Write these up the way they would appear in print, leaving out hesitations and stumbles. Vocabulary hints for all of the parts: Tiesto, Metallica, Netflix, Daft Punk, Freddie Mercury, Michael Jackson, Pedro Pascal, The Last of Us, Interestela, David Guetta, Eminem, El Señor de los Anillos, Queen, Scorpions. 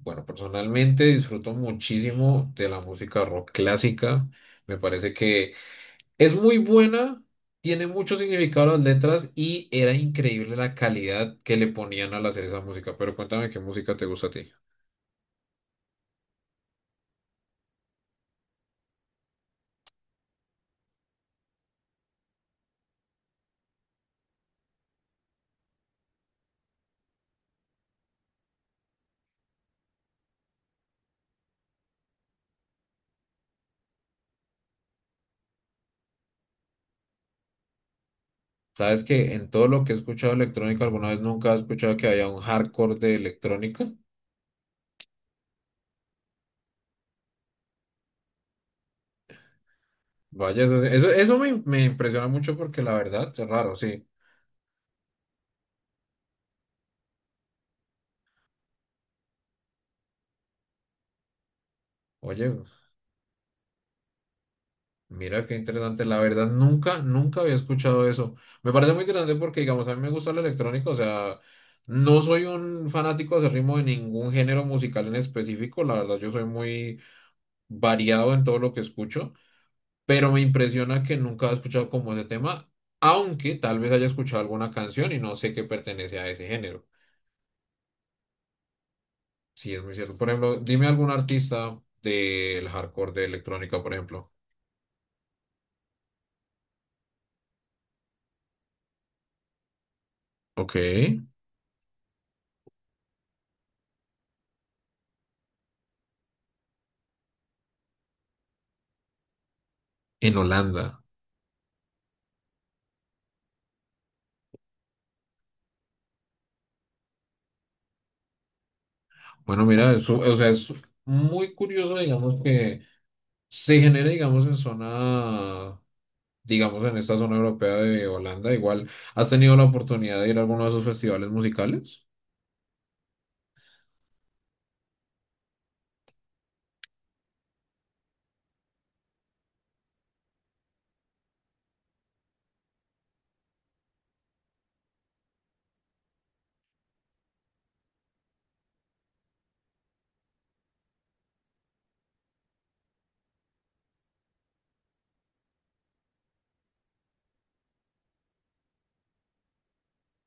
Bueno, personalmente disfruto muchísimo de la música rock clásica. Me parece que es muy buena, tiene mucho significado las letras y era increíble la calidad que le ponían al hacer esa música. Pero cuéntame qué música te gusta a ti. ¿Sabes que en todo lo que he escuchado electrónica alguna vez nunca he escuchado que haya un hardcore de electrónica? Vaya, eso me impresiona mucho porque la verdad es raro, sí. Oye, mira qué interesante. La verdad, nunca había escuchado eso. Me parece muy interesante porque, digamos, a mí me gusta el electrónico. O sea, no soy un fanático ritmo de ningún género musical en específico. La verdad, yo soy muy variado en todo lo que escucho. Pero me impresiona que nunca he escuchado como ese tema, aunque tal vez haya escuchado alguna canción y no sé qué pertenece a ese género. Sí, es muy cierto. Por ejemplo, dime algún artista del hardcore de electrónica, por ejemplo. Ok, en Holanda. Bueno, mira, eso, o sea, es muy curioso, digamos, que se genere, digamos, en zona, digamos, en esta zona europea de Holanda. Igual, ¿has tenido la oportunidad de ir a alguno de esos festivales musicales?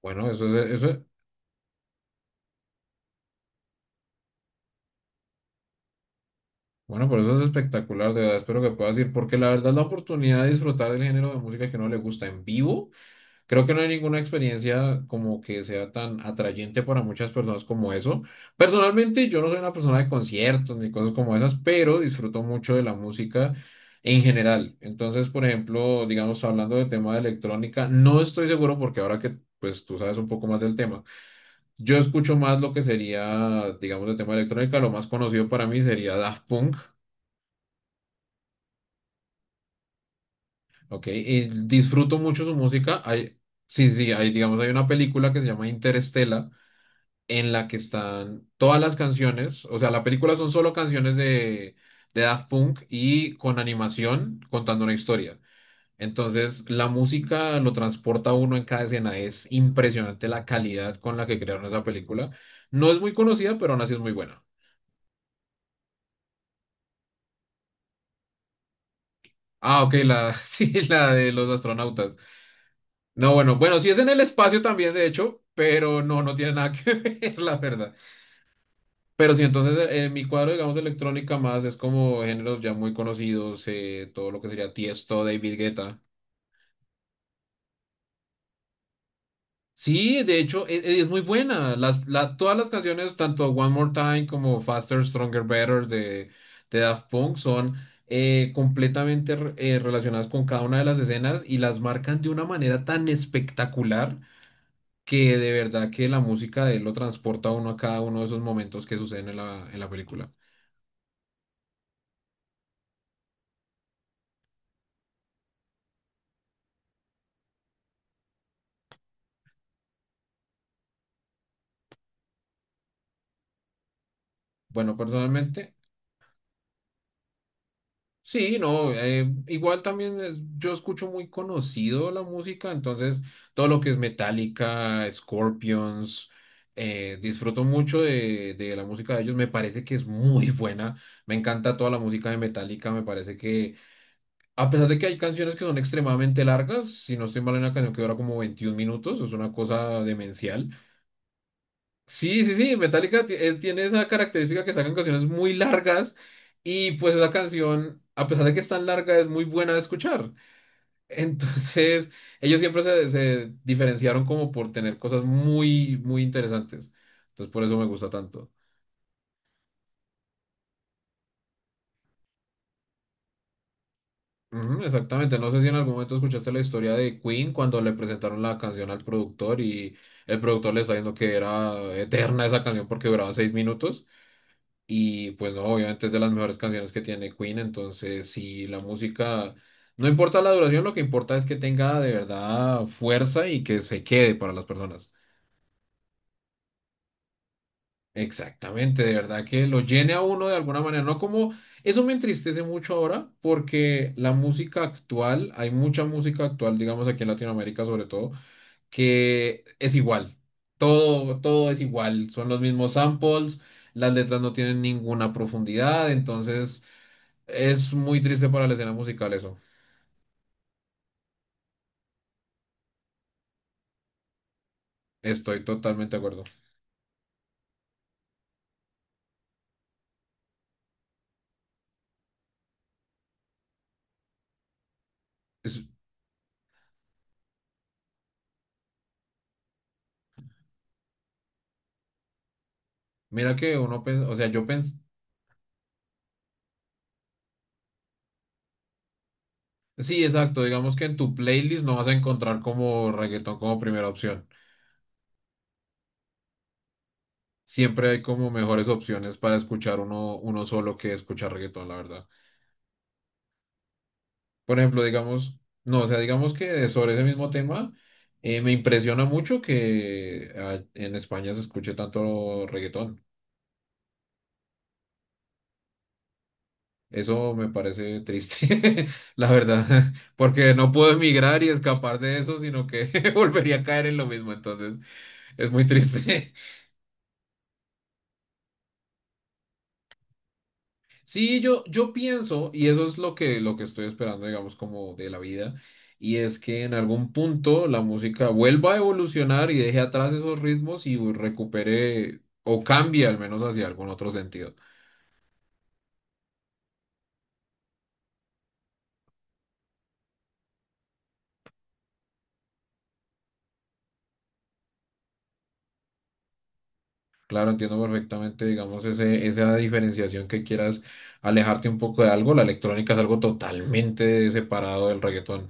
Bueno, bueno, por eso es espectacular, de verdad, espero que puedas ir, porque la verdad la oportunidad de disfrutar del género de música que no le gusta en vivo. Creo que no hay ninguna experiencia como que sea tan atrayente para muchas personas como eso. Personalmente, yo no soy una persona de conciertos ni cosas como esas, pero disfruto mucho de la música en general. Entonces, por ejemplo, digamos, hablando del tema de electrónica, no estoy seguro porque ahora que pues tú sabes un poco más del tema, yo escucho más lo que sería, digamos, el tema de electrónica. Lo más conocido para mí sería Daft Punk, ¿ok? Y disfruto mucho su música. Sí, sí, hay, digamos, hay una película que se llama Interestela en la que están todas las canciones, o sea, la película son solo canciones de Daft Punk y con animación contando una historia. Entonces, la música lo transporta a uno en cada escena. Es impresionante la calidad con la que crearon esa película. No es muy conocida, pero aún así es muy buena. Ah, ok, la, sí, la de los astronautas. No, bueno, bueno, sí es en el espacio también, de hecho, pero no, no tiene nada que ver, la verdad. Pero sí, entonces en mi cuadro, digamos, de electrónica más es como géneros ya muy conocidos, todo lo que sería Tiesto, David Guetta. Sí, de hecho, es, muy buena. Las, todas las canciones, tanto One More Time como Faster, Stronger, Better de Daft Punk, son completamente relacionadas con cada una de las escenas y las marcan de una manera tan espectacular que de verdad que la música de él lo transporta a uno a cada uno de esos momentos que suceden en en la película. Bueno, personalmente. Sí, no, igual también yo escucho muy conocido la música, entonces todo lo que es Metallica, Scorpions, disfruto mucho de la música de ellos, me parece que es muy buena, me encanta toda la música de Metallica, me parece que a pesar de que hay canciones que son extremadamente largas, si no estoy mal, hay una canción que dura como 21 minutos, es una cosa demencial. Sí, sí, sí, Metallica tiene esa característica que sacan canciones muy largas y pues esa canción, a pesar de que es tan larga, es muy buena de escuchar. Entonces, ellos siempre se diferenciaron como por tener cosas muy, muy interesantes. Entonces, por eso me gusta tanto. Ujú, exactamente, no sé si en algún momento escuchaste la historia de Queen cuando le presentaron la canción al productor y el productor le está diciendo que era eterna esa canción porque duraba 6 minutos. Y pues no, obviamente es de las mejores canciones que tiene Queen, entonces si la música, no importa la duración, lo que importa es que tenga de verdad fuerza y que se quede para las personas. Exactamente, de verdad que lo llene a uno de alguna manera, no como, eso me entristece mucho ahora porque la música actual, hay mucha música actual, digamos aquí en Latinoamérica sobre todo, que es igual, todo es igual, son los mismos samples, las letras no tienen ninguna profundidad, entonces... Es muy triste para la escena musical eso. Estoy totalmente de acuerdo. Es- Mira que uno piensa, o sea, yo pensé, sí, exacto, digamos que en tu playlist no vas a encontrar como reggaetón como primera opción. Siempre hay como mejores opciones para escuchar uno, uno solo que escuchar reggaetón, la verdad. Por ejemplo, digamos, no, o sea, digamos que sobre ese mismo tema, me impresiona mucho que en España se escuche tanto reggaetón. Eso me parece triste, la verdad, porque no puedo emigrar y escapar de eso, sino que volvería a caer en lo mismo, entonces es muy triste. Sí, yo pienso, y eso es lo que estoy esperando, digamos, como de la vida, y es que en algún punto la música vuelva a evolucionar y deje atrás esos ritmos y recupere o cambie al menos hacia algún otro sentido. Claro, entiendo perfectamente, digamos, esa diferenciación que quieras alejarte un poco de algo. La electrónica es algo totalmente separado del reggaetón.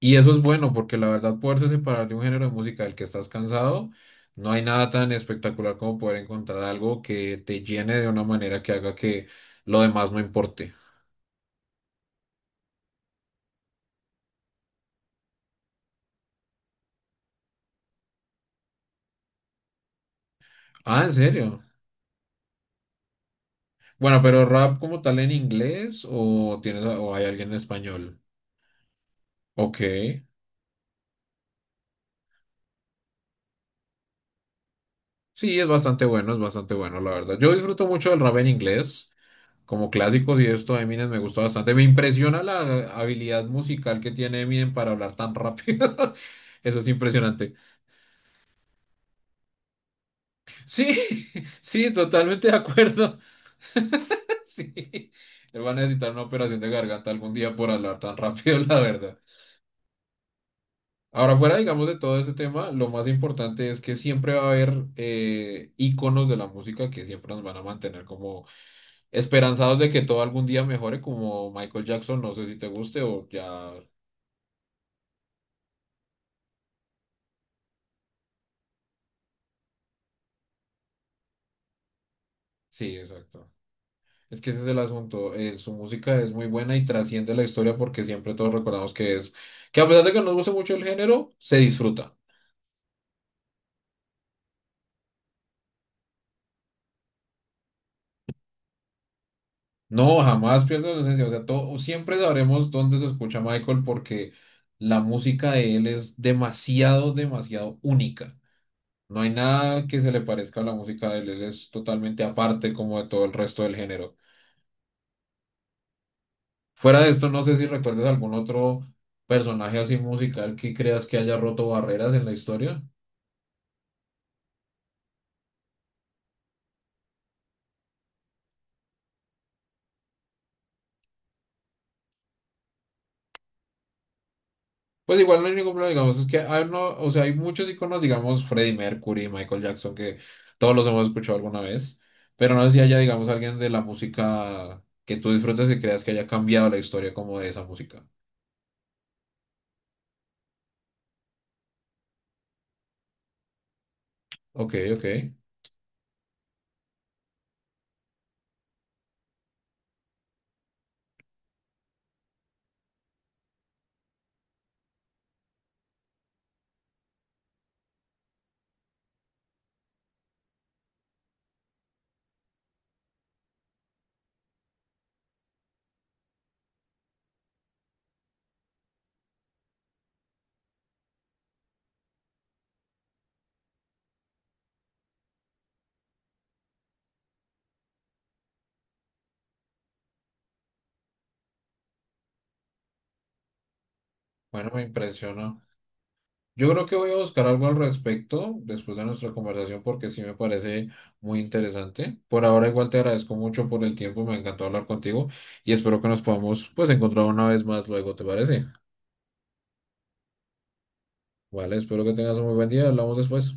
Y eso es bueno, porque la verdad, poderse separar de un género de música del que estás cansado, no hay nada tan espectacular como poder encontrar algo que te llene de una manera que haga que lo demás no importe. Ah, ¿en serio? Bueno, pero rap como tal en inglés o tienes, o hay alguien en español. Ok. Sí, es bastante bueno, la verdad. Yo disfruto mucho del rap en inglés. Como clásicos y esto, Eminem me gusta bastante. Me impresiona la habilidad musical que tiene Eminem para hablar tan rápido. Eso es impresionante. Sí, sí, totalmente de acuerdo. Sí, él va a necesitar una operación de garganta algún día por hablar tan rápido, la verdad. Ahora, fuera, digamos, de todo ese tema, lo más importante es que siempre va a haber íconos de la música que siempre nos van a mantener como esperanzados de que todo algún día mejore, como Michael Jackson, no sé si te guste o ya... Sí, exacto. Es que ese es el asunto. Su música es muy buena y trasciende la historia porque siempre todos recordamos que es, que a pesar de que no nos guste mucho el género, se disfruta. No, jamás pierde la esencia. O sea, todo, siempre sabremos dónde se escucha Michael porque la música de él es demasiado, demasiado única. No hay nada que se le parezca a la música de él. Él es totalmente aparte como de todo el resto del género. Fuera de esto, no sé si recuerdas algún otro personaje así musical que creas que haya roto barreras en la historia. Pues igual no hay ningún problema, digamos, es que hay, no, o sea, hay muchos iconos, digamos, Freddie Mercury, Michael Jackson, que todos los hemos escuchado alguna vez, pero no sé si haya, digamos, alguien de la música que tú disfrutes y creas que haya cambiado la historia como de esa música. Ok, bueno, me impresiona. Yo creo que voy a buscar algo al respecto después de nuestra conversación porque sí me parece muy interesante. Por ahora igual te agradezco mucho por el tiempo, me encantó hablar contigo y espero que nos podamos pues encontrar una vez más luego, ¿te parece? Vale, espero que tengas un muy buen día. Hablamos después.